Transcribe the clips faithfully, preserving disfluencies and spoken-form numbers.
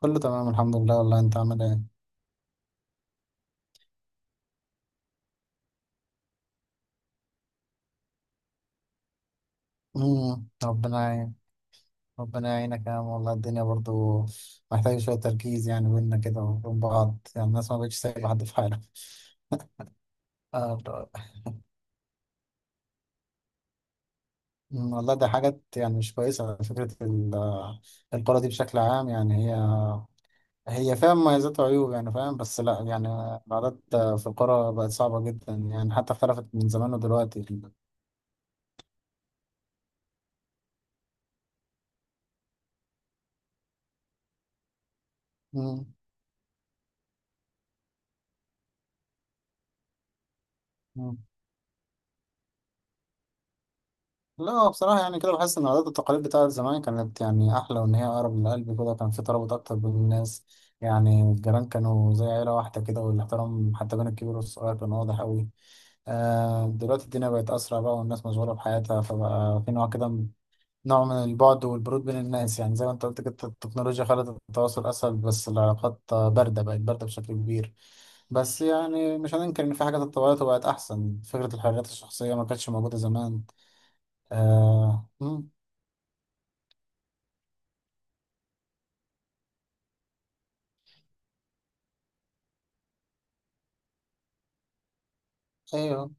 كله تمام الحمد لله. والله انت عامل ايه؟ امم ربنا يعين. ربنا يعينك يا عم، والله الدنيا برضو محتاجة شوية تركيز، يعني بينا كده وبين بعض، يعني الناس ما بقتش سايبة حد في حاله. آه. ده- أمم، والله دي حاجات يعني مش كويسة. فكرة ال- آه، القرى دي بشكل عام، يعني هي هي فيها مميزات وعيوب يعني، فاهم؟ بس لا يعني العادات في القرى بقت صعبة جدا، يعني حتى اختلفت من زمان ودلوقتي. أمم، لا هو بصراحة يعني، كده بحس إن العادات والتقاليد بتاعت زمان كانت يعني أحلى، وإن هي أقرب للقلب كده. كان في ترابط أكتر بين الناس، يعني الجيران كانوا زي عيلة واحدة كده، والاحترام حتى بين الكبير والصغير كان واضح أوي. آه دلوقتي الدنيا بقت أسرع بقى، والناس مشغولة بحياتها، فبقى في نوع كده من- نوع من البعد والبرود بين الناس، يعني زي ما أنت قلت كده التكنولوجيا خلت التواصل أسهل، بس العلاقات باردة، بقت باردة بشكل كبير. بس يعني مش هننكر إن في حاجات اتطورت وبقت أحسن. فكرة الحريات الشخصية ما كانتش موجودة زمان. آه، ايوه.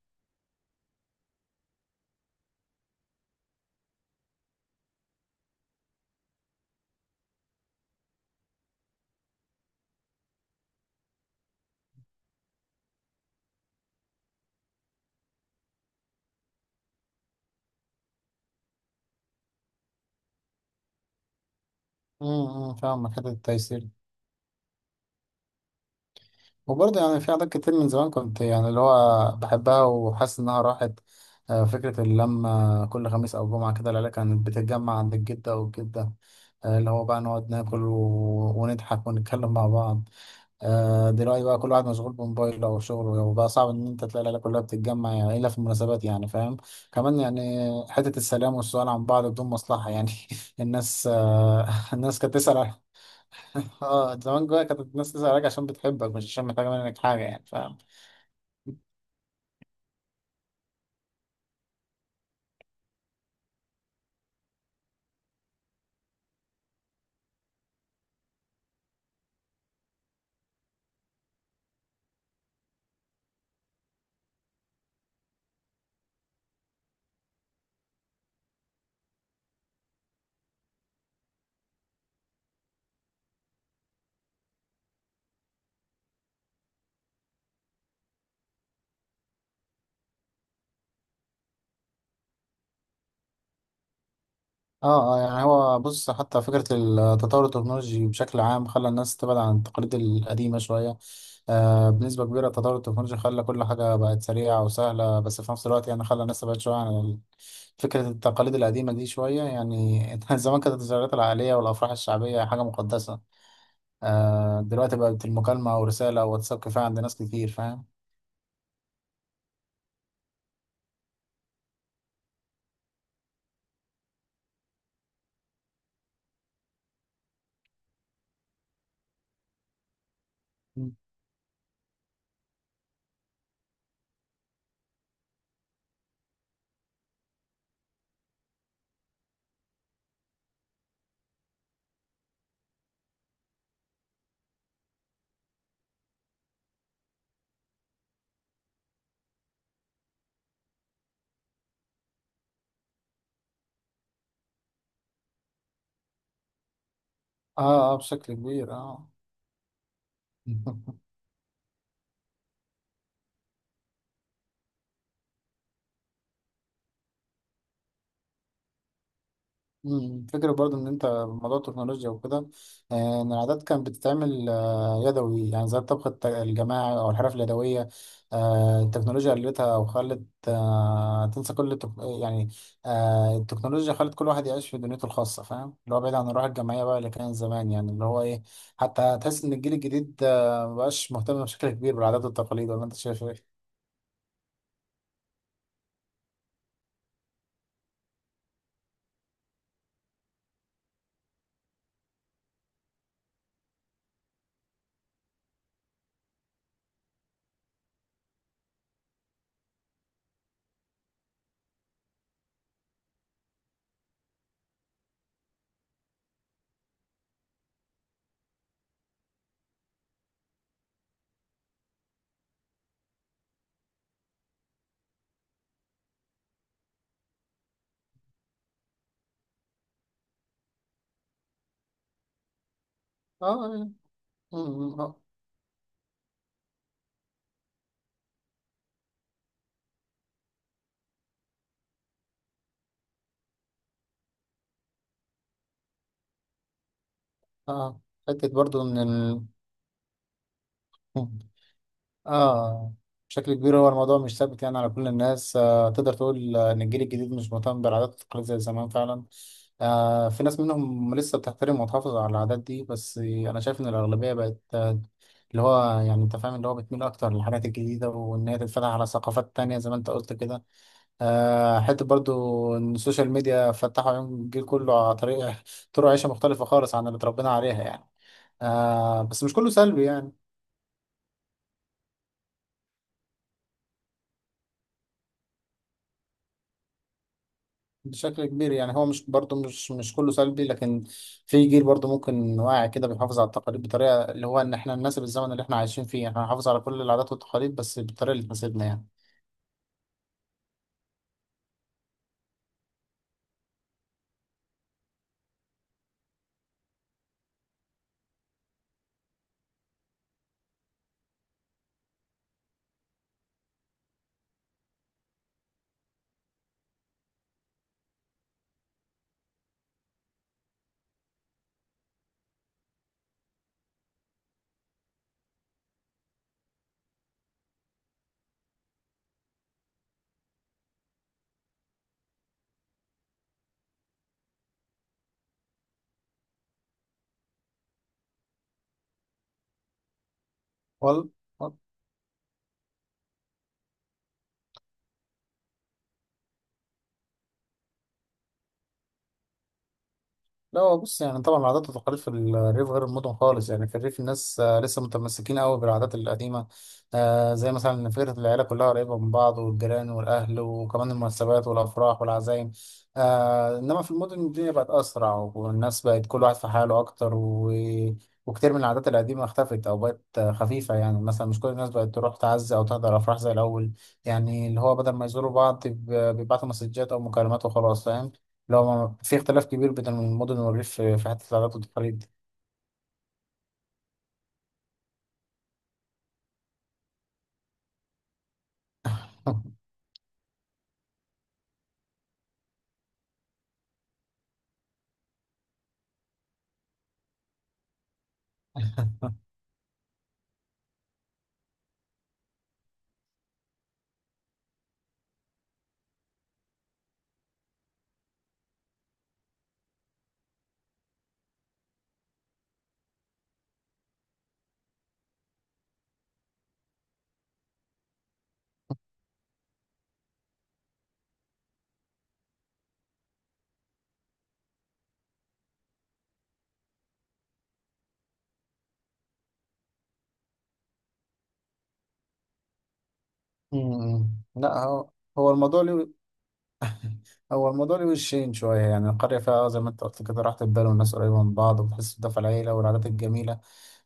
امم فاهم حته التيسير. وبرضه يعني في عادات كتير من زمان كنت يعني اللي هو بحبها وحاسس انها راحت. آه، فكره اللمه كل خميس او جمعه كده، العيله كانت بتتجمع عند الجده والجده. آه، اللي هو بقى نقعد ناكل و... ونضحك ونتكلم مع بعض. آه، دلوقتي بقى كل واحد مشغول بموبايله او شغله، وبقى صعب ان انت تلاقي العيله كلها بتتجمع، يعني الا في المناسبات، يعني فاهم. كمان يعني حته السلام والسؤال عن بعض بدون مصلحه يعني. الناس آه، الناس كانت تسال. اه زمان جوايا كانت الناس تزعل عليك عشان بتحبك، مش عشان محتاجة منك حاجة، يعني فاهم. اه اه، يعني هو بص، حتى فكرة التطور التكنولوجي بشكل عام خلى الناس تبعد عن التقاليد القديمة شوية. آه بنسبة كبيرة التطور التكنولوجي خلى كل حاجة بقت سريعة وسهلة، بس في نفس الوقت يعني خلى الناس تبعد شوية عن ال- فكرة التقاليد القديمة دي شوية يعني. زمان كانت الزيارات العائلية والأفراح الشعبية حاجة مقدسة. آه دلوقتي بقت المكالمة ورسالة وواتساب كفاية عند ناس كتير، فاهم. اه اه، بشكل كبير، اه. مم. فكرة برضو إن أنت موضوع التكنولوجيا وكده، آه، إن العادات كانت بتتعمل آه، يدوي، يعني زي الطبخ الت- الجماعي أو الحرف اليدوية. آه، التكنولوجيا قلتها وخلت آه، تنسى كل التك... يعني آه، التكنولوجيا خلت كل واحد يعيش في دنيته الخاصة، فاهم؟ اللي هو بعيد عن الروح الجماعية بقى اللي كان زمان، يعني اللي هو إيه؟ حتى تحس إن الجيل الجديد آه، مبقاش مهتم بشكل كبير بالعادات والتقاليد، ولا أنت شايف إيه؟ آه آه آه آه. حتة برضو إن ال... اه بشكل كبير، هو الموضوع مش ثابت يعني على كل الناس. آه تقدر تقول آه، ان الجيل الجديد مش مهتم بالعادات والتقاليد زي زمان فعلا. آه في ناس منهم لسه بتحترم وتحافظ على العادات دي، بس انا شايف ان الاغلبيه بقت آه، اللي هو يعني انت فاهم، اللي هو بتميل اكتر للحاجات الجديده وان هي تتفتح على ثقافات تانية زي ما انت قلت كده. آه حته برضو ان السوشيال ميديا فتحوا عيون الجيل كله على طريقه، طرق عيشه مختلفه خالص عن اللي اتربينا عليها يعني. آه بس مش كله سلبي يعني. بشكل كبير يعني، هو مش برضه مش مش كله سلبي، لكن في جيل برضه ممكن واعي كده بيحافظ على التقاليد بطريقه، اللي هو ان احنا نناسب الزمن اللي احنا عايشين فيه، احنا هنحافظ على كل العادات والتقاليد بس بالطريقه اللي تناسبنا يعني. وال- لا هو بص، يعني طبعا العادات والتقاليد في الريف غير المدن خالص، يعني في الريف الناس آه، لسه متمسكين قوي بالعادات القديمة. آه، زي مثلا ان فكرة العيلة كلها قريبة من بعض والجيران والأهل، وكمان المناسبات والأفراح والعزايم. آه، إنما في المدن الدنيا بقت أسرع، والناس بقت كل واحد في حاله أكتر و... وكتير من العادات القديمة اختفت أو بقت آه، خفيفة. يعني مثلا مش كل الناس بقت تروح تعزي أو تحضر أفراح زي الأول، يعني اللي هو بدل ما يزوروا بعض بيب- بيبعتوا مسجات أو مكالمات وخلاص، فاهم. لو ما في اختلاف كبير بين المدن والريف في في حتة العادات والتقاليد دي. أمم. لا هو هو الموضوع ليه هو الموضوع ليه وشين شوية، يعني القرية فيها آه، زي ما انت قلت كده راحة البال، والناس قريبة من بعض، وبتحس بدفء العيلة والعادات الجميلة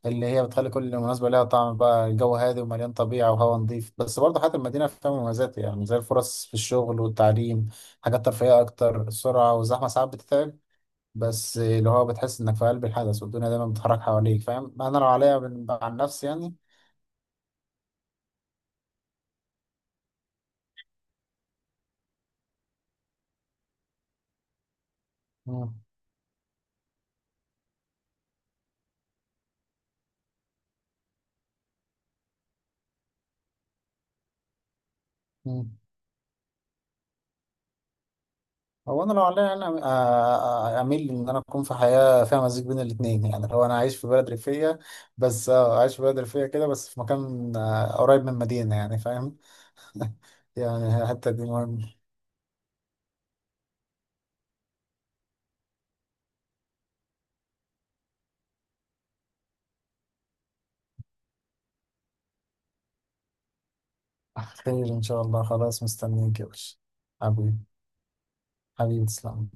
اللي هي بتخلي كل مناسبة لها طعم بقى. الجو هادي ومليان طبيعة وهواء نظيف، بس برضه حياة المدينة فيها مميزات، يعني زي الفرص في الشغل والتعليم، حاجات ترفيهية أكتر. السرعة والزحمة ساعات بتتعب، بس اللي هو بتحس إنك في قلب الحدث، والدنيا دايما بتتحرك حواليك، فاهم. أنا لو عليا من- عن نفسي يعني. مم. مم. هو انا لو عليا انا آه، آه، اميل ان انا اكون في حياه فيها مزيج بين الاثنين، يعني لو انا عايش في بلد ريفيه، بس آه، عايش في بلد ريفيه كده بس في مكان آه، قريب من مدينه، يعني فاهم. يعني الحته دي مهم. خير ان شاء الله، خلاص مستنيك يا باشا. حبيبي، حبيبي تسلم.